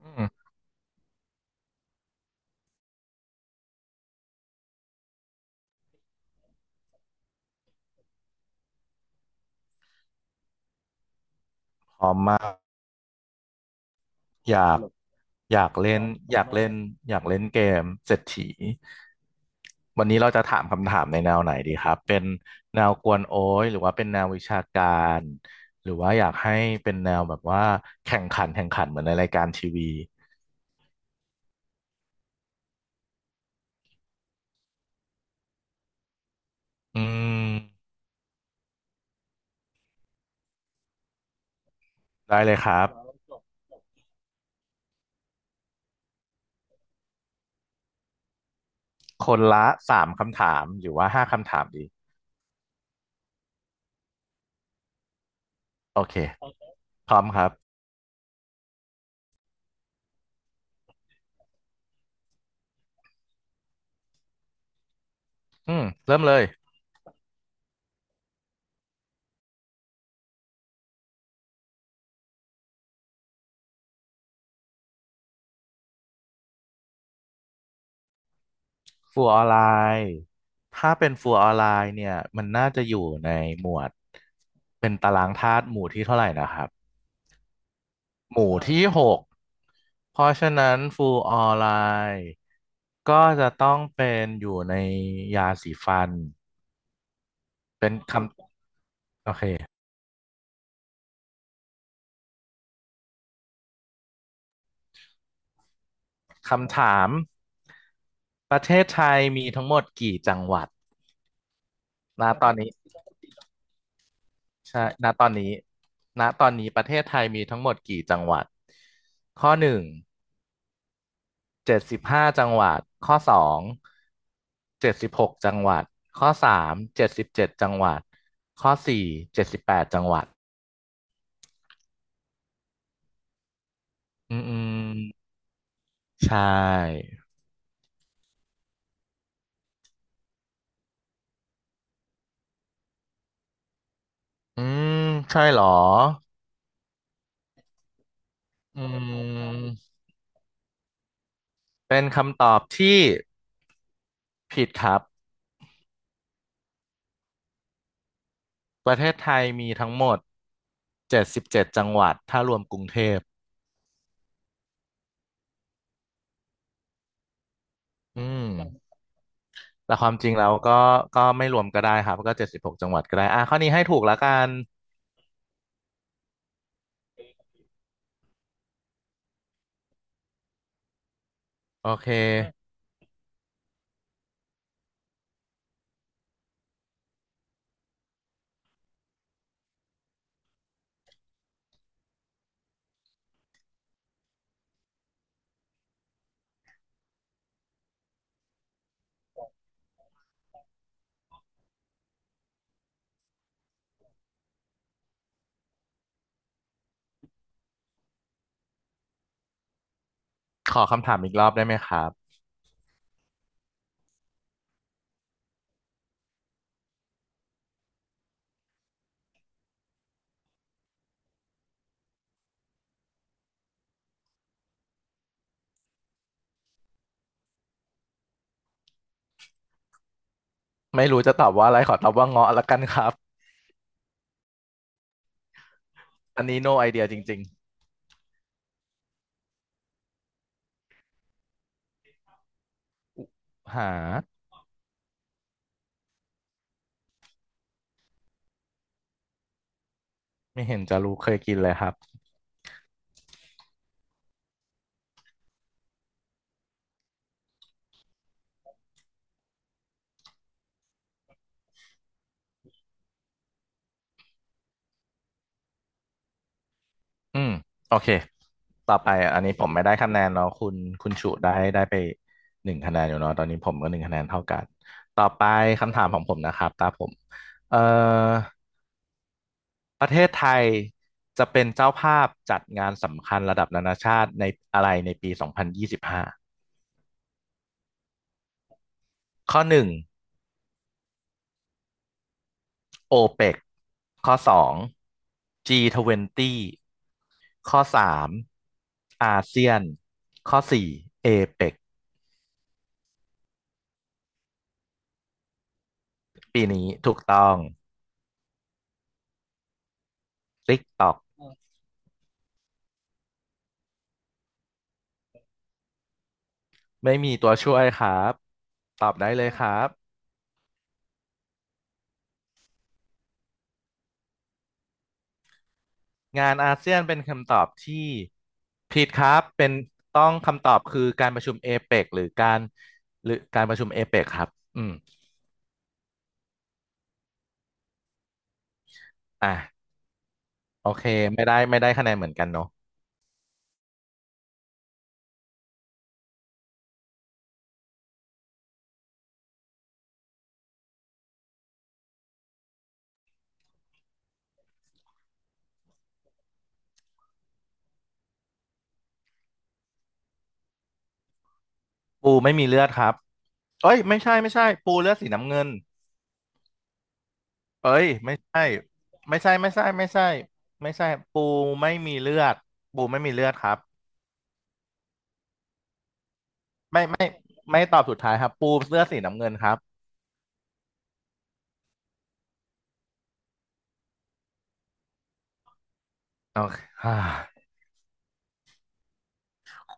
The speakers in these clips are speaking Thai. อืมอยากอยากอยากเล่นเล่นเกมเศรษฐีวันนี้เราจะถามคำถามในแนวไหนดีครับเป็นแนวกวนโอ้ยหรือว่าเป็นแนววิชาการหรือว่าอยากให้เป็นแนวแบบว่าแข่งขันเหมือนในรายการทีวีอืมได้เลยครับบคนละสามคำถามหรือว่าห้าคำถามดีโอเคพร้อมครับอืมเริ่มเลย ฟูลออนไลน์ถ้าเป็นฟูลออนไลน์เนี่ยมันน่าจะอยู่ในหมวดเป็นตารางธาตุหมู่ที่เท่าไหร่นะครับหมู่ที่หกเพราะฉะนั้นฟูลออนไลน์ก็จะต้องเป็นอยู่ในยาสีฟันเป็นคำโอเคคำถามประเทศไทยมีทั้งหมดกี่จังหวัดณตอนนี้ใช่ณตอนนี้ณตอนนี้ประเทศไทยมีทั้งหมดกี่จังหวัดข้อหนึ่ง เจ็ดสิบห้าจังหวัดข้อสองเจ็ดสิบหกจังหวัดข้อสามเจ็ดสิบเจ็ดจังหวัดข้อสี่เจ็ดสิบแปดจังหวัดอืมใช่อืมใช่เหรออืมเป็นคำตอบที่ผิดครับประเทศไทยมีทั้งหมดเจ็ดสิบเจ็ดจังหวัดถ้ารวมกรุงเทพอืมแต่ความจริงแล้วก็ไม่รวมก็ได้ครับก็เจ็ดสิบหกจังหวัดก็ได้อ่ะข้อนี้ให้ถูกแล้วกันโอเคขอคำถามอีกรอบได้ไหมครับ ไม่รู้จะตอบว่าอะไรขอตอบว่าเงาะละกันครับอันนี้ no idea จริงๆหาไม่เห็นจะรู้เคยกินเลยครับอืมโอเคต่อไปอันนี้ผมไม่ได้คะแนนเนาะคุณชุได้ไปหนึ่งคะแนนอยู่เนาะตอนนี้ผมก็หนึ่งคะแนนเท่ากันต่อไปคำถามของผมนะครับตาผมเอ่อประเทศไทยจะเป็นเจ้าภาพจัดงานสำคัญระดับนานาชาติในอะไรในปี2025ข้อหนึ่ง โอเปกข้อสอง G20 ข้อสามอาเซียนข้อสี่เอเปกปีนี้ถูกต้อง TikTok ไม่มีตัวช่วยครับ ตอบได้เลยครับ งานอาเซียนเป็นคำตอบที่ผิดครับเป็นต้องคำตอบคือการประชุมเอเปกหรือการประชุมเอเปกครับอืมอ่ะโอเคไม่ได้คะแนนเหมือนกันเนาะปูไม่มีเลือดครับเอ้ยไม่ใช่ไม่ใช่ปูเลือดสีน้ำเงิน เอ้ยไม่ใช่ไม่ใช่ปูไม่มีเลือดปูไม่มีเลือดครับไม่ตอบสุดท้ายครับปูเสื้อสีน้ำเงินครับโอเคอ่า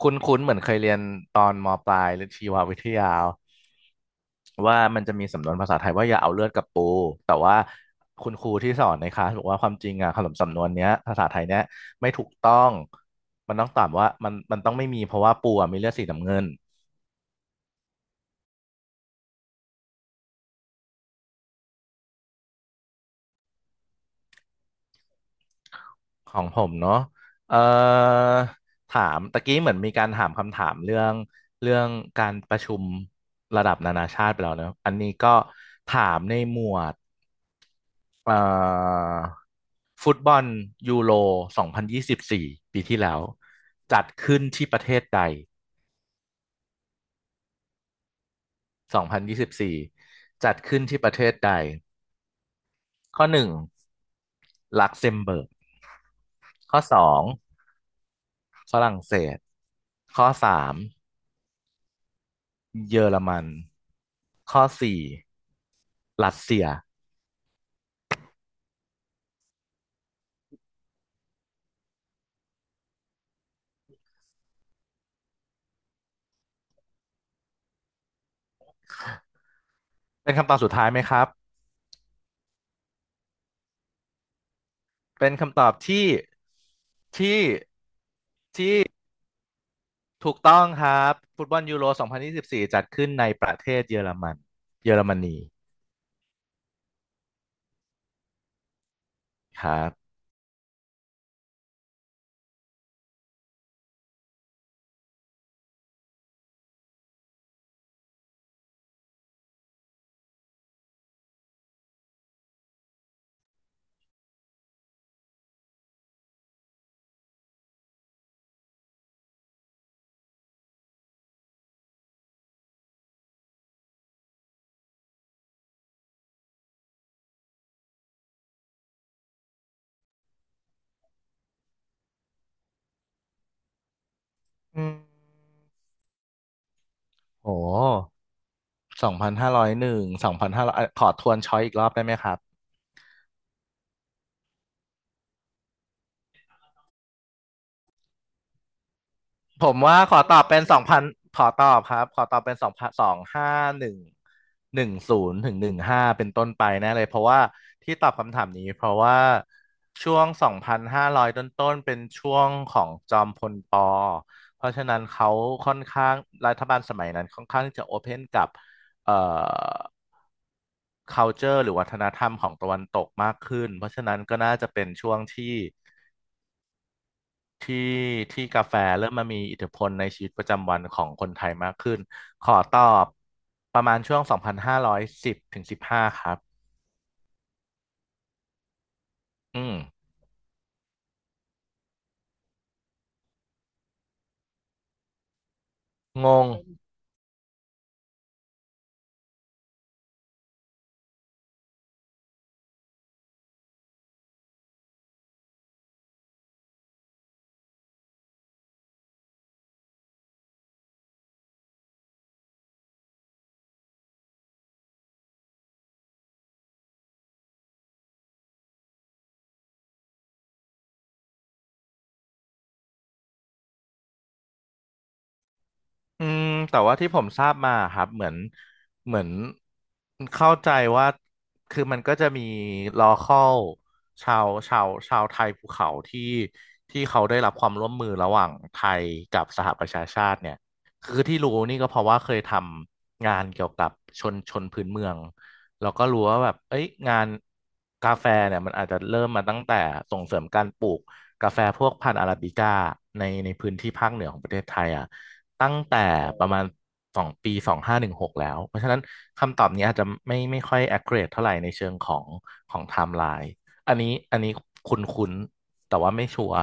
คุ้นคุ้นเหมือนเคยเรียนตอนมปลายหรือชีววิทยาว่ามันจะมีสำนวนภาษาไทยว่าอย่าเอาเลือดกับปูแต่ว่าคุณครูที่สอนในคลาสบอกว่าความจริงอ่ะคำสำนวนเนี้ยภาษาไทยเนี้ยไม่ถูกต้องมันต้องตอบว่ามันต้องไม่มีเพราะว่าปูอ่ะมีเลือดสีน้ำเงิน ของผมเนาะเอ่อถามตะกี้เหมือนมีการถามคำถามเรื่องการประชุมระดับนานาชาติไปแล้วเนอะอันนี้ก็ถามในหมวดเอ่อฟุตบอลยูโร2024ปีที่แล้วจัดขึ้นที่ประเทศใด2024จัดขึ้นที่ประเทศใดข้อหนึ่งลักเซมเบิร์กข้อสองฝรั่งเศสข้อสาม เยอรมันข้อสี่รัสเซีย เป็นคำตอบสุดท้ายไหมครับ เป็นคำตอบที่ที่ถูกต้องครับฟุตบอลยูโร2024จัดขึ้นในประเทศเยอรมัน เยอรมนีครับอืมโอ้สองพันห้าร้อยหนึ่งสองพันห้าร้อยขอทวนช้อยอีกรอบได้ไหมครับ ผมว่าขอตอบเป็นสองพันขอตอบครับขอตอบเป็นสองพันสองห้าหนึ่งหนึ่งศูนย์ถึงหนึ่งห้าเป็นต้นไปแน่เลย เพราะว่าที่ตอบคำถามนี้เพราะว่าช่วงสองพันห้าร้อยต้นๆเป็นช่วงของจอมพลปอเพราะฉะนั้นเขาค่อนข้างรัฐบาลสมัยนั้นค่อนข้างที่จะโอเพนกับเอ่อ culture หรือวัฒนธรรมของตะวันตกมากขึ้นเพราะฉะนั้นก็น่าจะเป็นช่วงที่ ที่ที่กาแฟเริ่มมามีอิทธิพลในชีวิตประจำวันของคนไทยมากขึ้น ขอตอบประมาณช่วง 2,510ถึง15 ครับ อืม งง อืมแต่ว่าที่ผมทราบมาครับเหมือนเข้าใจว่าคือมันก็จะมี local ชาวไทยภูเขาที่เขาได้รับความร่วมมือระหว่างไทยกับสหประชาชาติเนี่ยคือที่รู้นี่ก็เพราะว่าเคยทำงานเกี่ยวกับชนพื้นเมืองแล้วก็รู้ว่าแบบเอ้ยงานกาแฟเนี่ยมันอาจจะเริ่มมาตั้งแต่ส่งเสริมการปลูกกาแฟพวกพันธุ์อาราบิก้าในพื้นที่ภาคเหนือของประเทศไทยอ่ะ ตั้งแต่ประมาณสองปีสองห้าหนึ่งหกแล้วเพราะฉะนั้นคำตอบนี้อาจจะไม่ค่อย accurate เท่าไหร่ในเชิงของของไทม์ไลน์อันนี้คุ้นคุ้นแต่ว่าไม่ชัวร์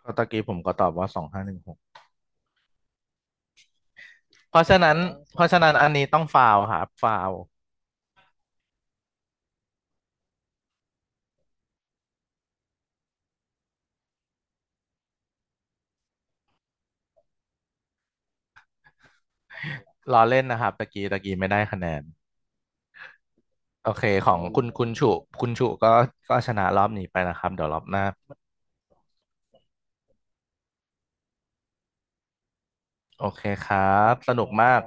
เพราะตะกี้ผมก็ตอบว่าสองห้าหนึ่งหกเพราะฉะนั้นเพราะฉะนั้นอันนี้ต้องฟาวครับฟาวล้อเล่นนะครับตะกี้ไม่ได้คะแนนโอเคของคุณฉุคุณฉุก็ชนะรอบนี้ไปนะครับเดี๋ยวรอบหน้าโอเคครับสนุกมาก